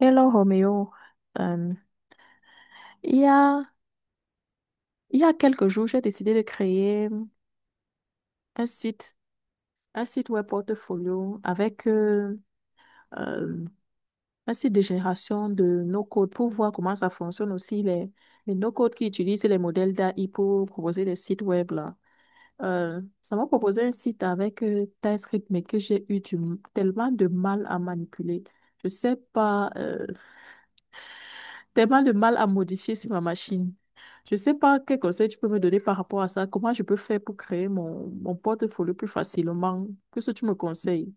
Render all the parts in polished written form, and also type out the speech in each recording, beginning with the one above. Hello Roméo. Euh, il y a, il y a quelques jours, j'ai décidé de créer un un site web portfolio avec euh, un site de génération de no-code pour voir comment ça fonctionne aussi, les no-code qui utilisent les modèles d'AI pour proposer des sites web là. Ça m'a proposé un site avec TypeScript, mais que tellement de mal à manipuler. Je sais pas, tellement de mal à modifier sur ma machine. Je ne sais pas quel conseil tu peux me donner par rapport à ça. Comment je peux faire pour créer mon portfolio plus facilement? Qu'est-ce que tu me conseilles?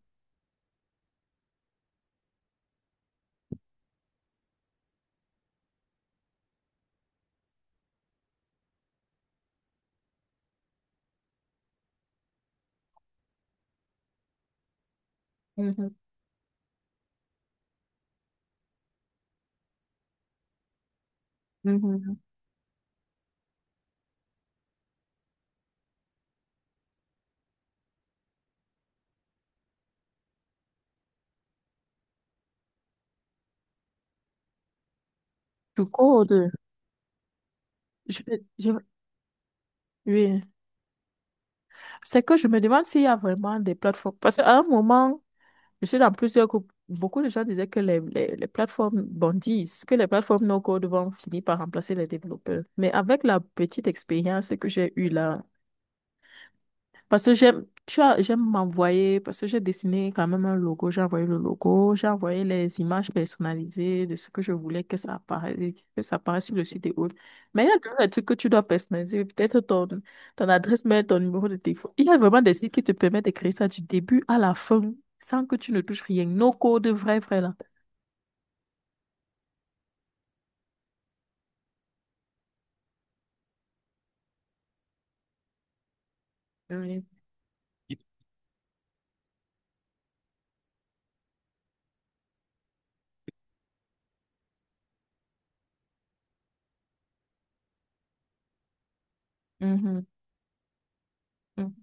Mhm, mhm. Du code, je, je- oui. C'est que je me demande s'il y a vraiment des plateformes. Parce qu'à un moment, je suis dans plusieurs groupes. Beaucoup de gens disaient que les plateformes bondissent, que les plateformes no-code vont finir par remplacer les développeurs. Mais avec la petite expérience que j'ai eue là, parce que j'aime, tu as, j'aime m'envoyer, parce que j'ai dessiné quand même un logo, j'ai envoyé le logo, j'ai envoyé les images personnalisées de ce que je voulais que ça apparaisse sur le site et autres. Mais il y a toujours des trucs que tu dois personnaliser, peut-être ton adresse mail, ton numéro de téléphone. Il y a vraiment des sites qui te permettent de créer ça du début à la fin, sans que tu ne touches rien. No code, vrai, vrai, là. Oui. Mhm. Mhm.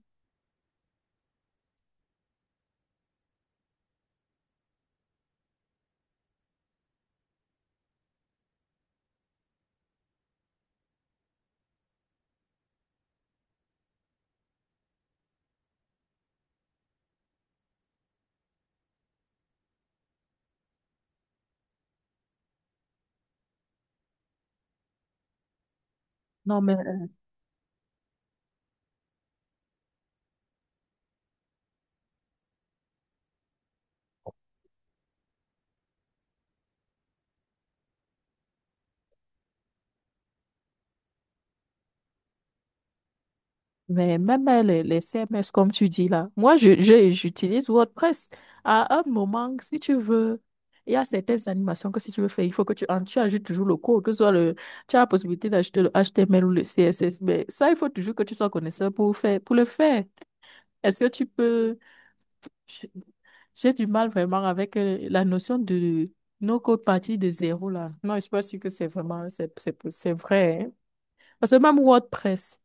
Non, mais même les CMS, comme tu dis là, moi, j'utilise WordPress. À un moment, si tu veux, il y a certaines animations que si tu veux faire, il faut que tu ajoutes toujours le code, que ce soit le, tu as la possibilité d'ajouter le HTML ou le CSS, mais ça, il faut toujours que tu sois connaisseur pour pour le faire. Est-ce que tu peux, j'ai j'ai du mal vraiment avec la notion de no-code partie de zéro là. Non, je suis pas sûre que c'est vrai, hein. Parce que même WordPress,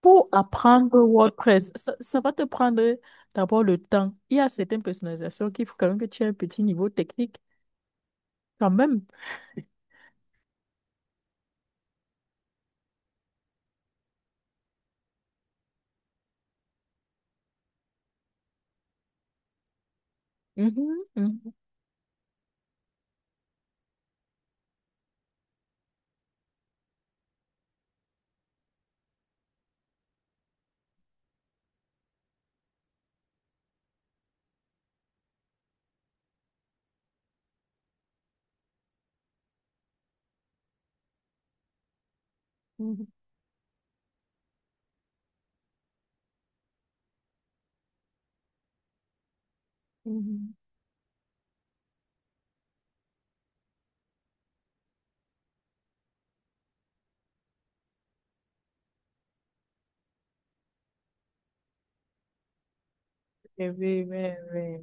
pour apprendre WordPress, ça va te prendre d'abord le temps. Il y a certaines personnalisations qu'il faut quand même que tu aies un petit niveau technique quand même. Mhm, mhm, mhm, mhm. Eh oui, oui, oui,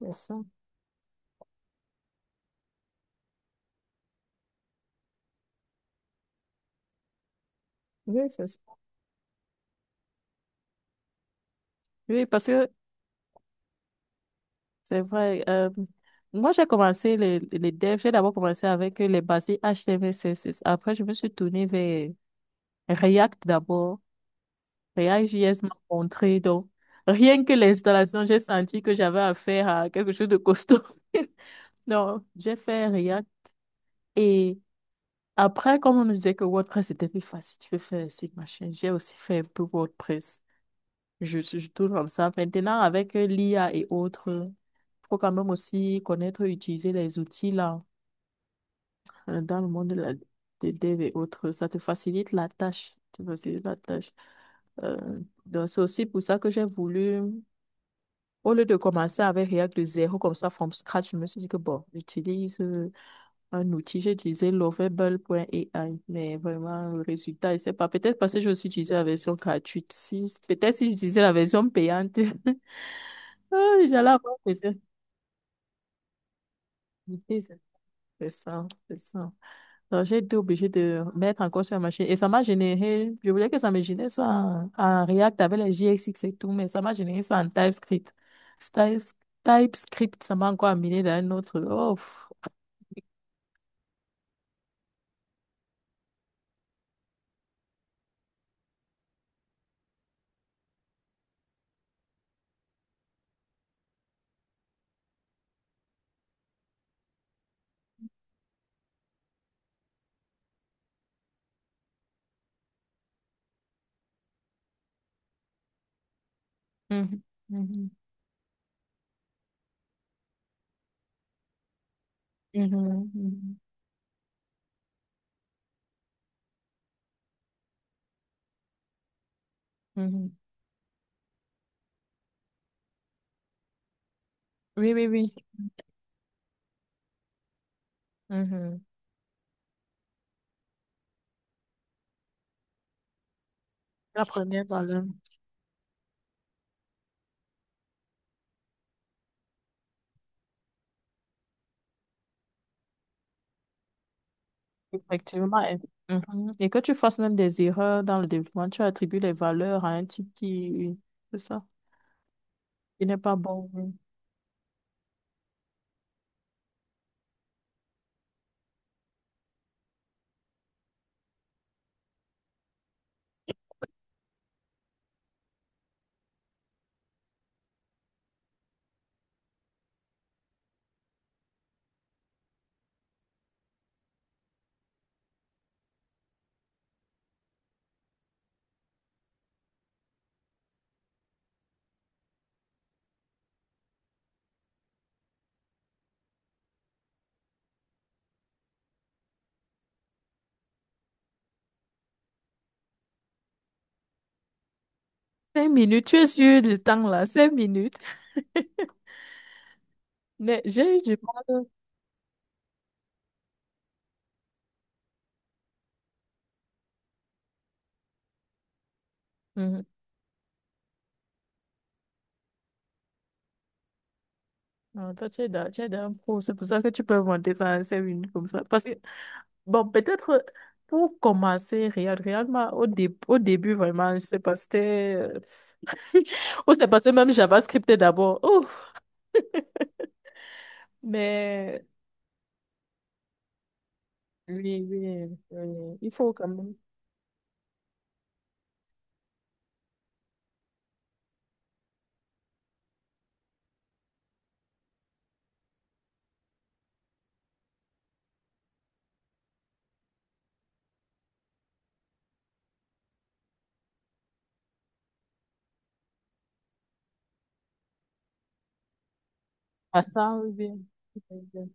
c'est ça. Oui, c'est ça. Oui, parce que c'est vrai. Moi, j'ai commencé les devs. J'ai d'abord commencé avec les basiques HTML, CSS. Après, je me suis tournée vers React d'abord. React JS m'a montré. Donc, rien que l'installation, j'ai senti que j'avais affaire à quelque chose de costaud. Non, j'ai fait React. Et après, comme on me disait que WordPress était plus facile, tu peux faire un site, machin, j'ai aussi fait un peu WordPress. Je tourne comme ça. Maintenant, avec l'IA et autres, il faut quand même aussi connaître et utiliser les outils là, dans le monde de la, des dev et autres. Ça te facilite la tâche. Ça te facilite la tâche. Euh, donc, c'est aussi pour ça que j'ai voulu. Au lieu de commencer avec React de zéro, comme ça, from scratch, je me suis dit que bon, j'utilise un outil, j'ai utilisé lovable.ai, mais vraiment, le résultat, je sais pas. Peut-être parce que j'ai aussi utilisé la version gratuite. Si, peut-être si j'utilisais la version payante, ah, j'allais avoir des difficultés. C'est ça, c'est ça. Donc, j'ai été obligée de mettre encore sur la machine. Et ça m'a généré, je voulais que ça me génère ça en React avec les JSX et tout, mais ça m'a généré ça en TypeScript. Styles- TypeScript, ça m'a encore amené dans un autre. Oh, pff. Mhm, mhm, mhm, mhm, mhm. Oui, oui, oui. Mhm. La première valeur, effectivement. Elle- mhm. Et que tu fasses même des erreurs dans le développement, tu attribues les valeurs à un type qui, c'est ça, qui n'est pas bon. Oui. Cinq minutes, tu es sûr du temps là, cinq minutes. Mais j'ai eu du mal. Mhm. Non, toi, tu es dans un pro, c'est pour ça que tu peux monter ça à cinq minutes comme ça. Parce que bon, peut-être pour commencer, au début, vraiment, je sais pas, c'était. On s'est passé même JavaScript d'abord. Ouf, mais oui, oui, oui, il faut quand même. À ça, oui. Oui,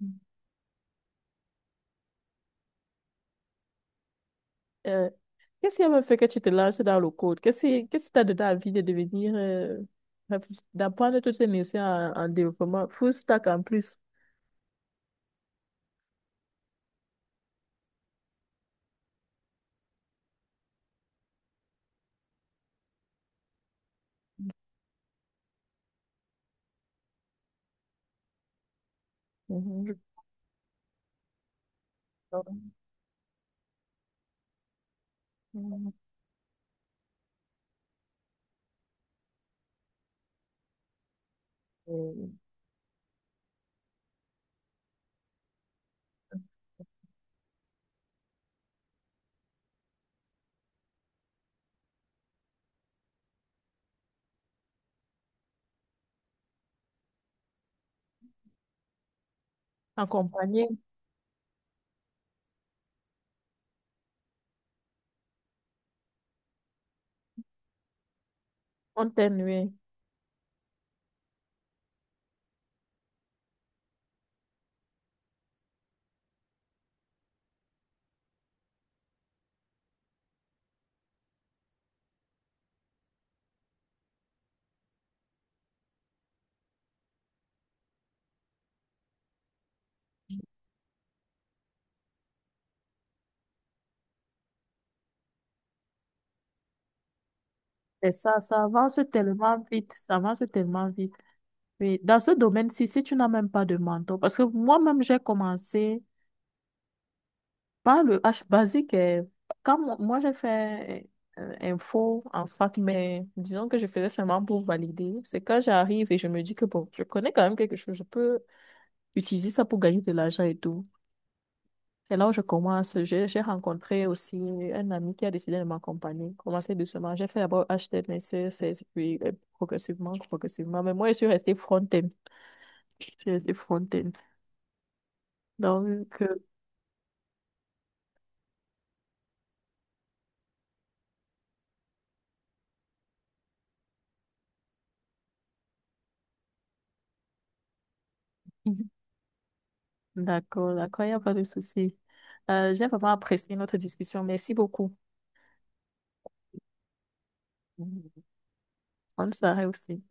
oui. Euh, Qu'est-ce qui avait fait que tu te lances dans le code? Qu'est-ce qui t'a donné envie de devenir, d'apprendre toutes ces notions en développement, full stack en plus? Mhm. Mhm. Euh, accompagné, on t'aime, oui. Et ça avance tellement vite, ça avance tellement vite. Oui, dans ce domaine-ci, si tu n'as même pas de mentor, parce que moi-même, j'ai commencé par le H basique, eh, quand j'ai fait info en fac, mais disons que je faisais seulement pour valider. C'est quand j'arrive et je me dis que bon, je connais quand même quelque chose, je peux utiliser ça pour gagner de l'argent et tout. C'est là où je commence. J'ai rencontré aussi un ami qui a décidé de m'accompagner. Commencer doucement. J'ai fait d'abord HTML, CSS, puis progressivement, progressivement. Mais moi, je suis restée front-end. Je suis restée front-end. Donc, Mhm. D'accord, d'accord, il n'y a pas de souci. J'ai vraiment apprécié notre discussion. Merci beaucoup. Mhm. On s'arrête aussi.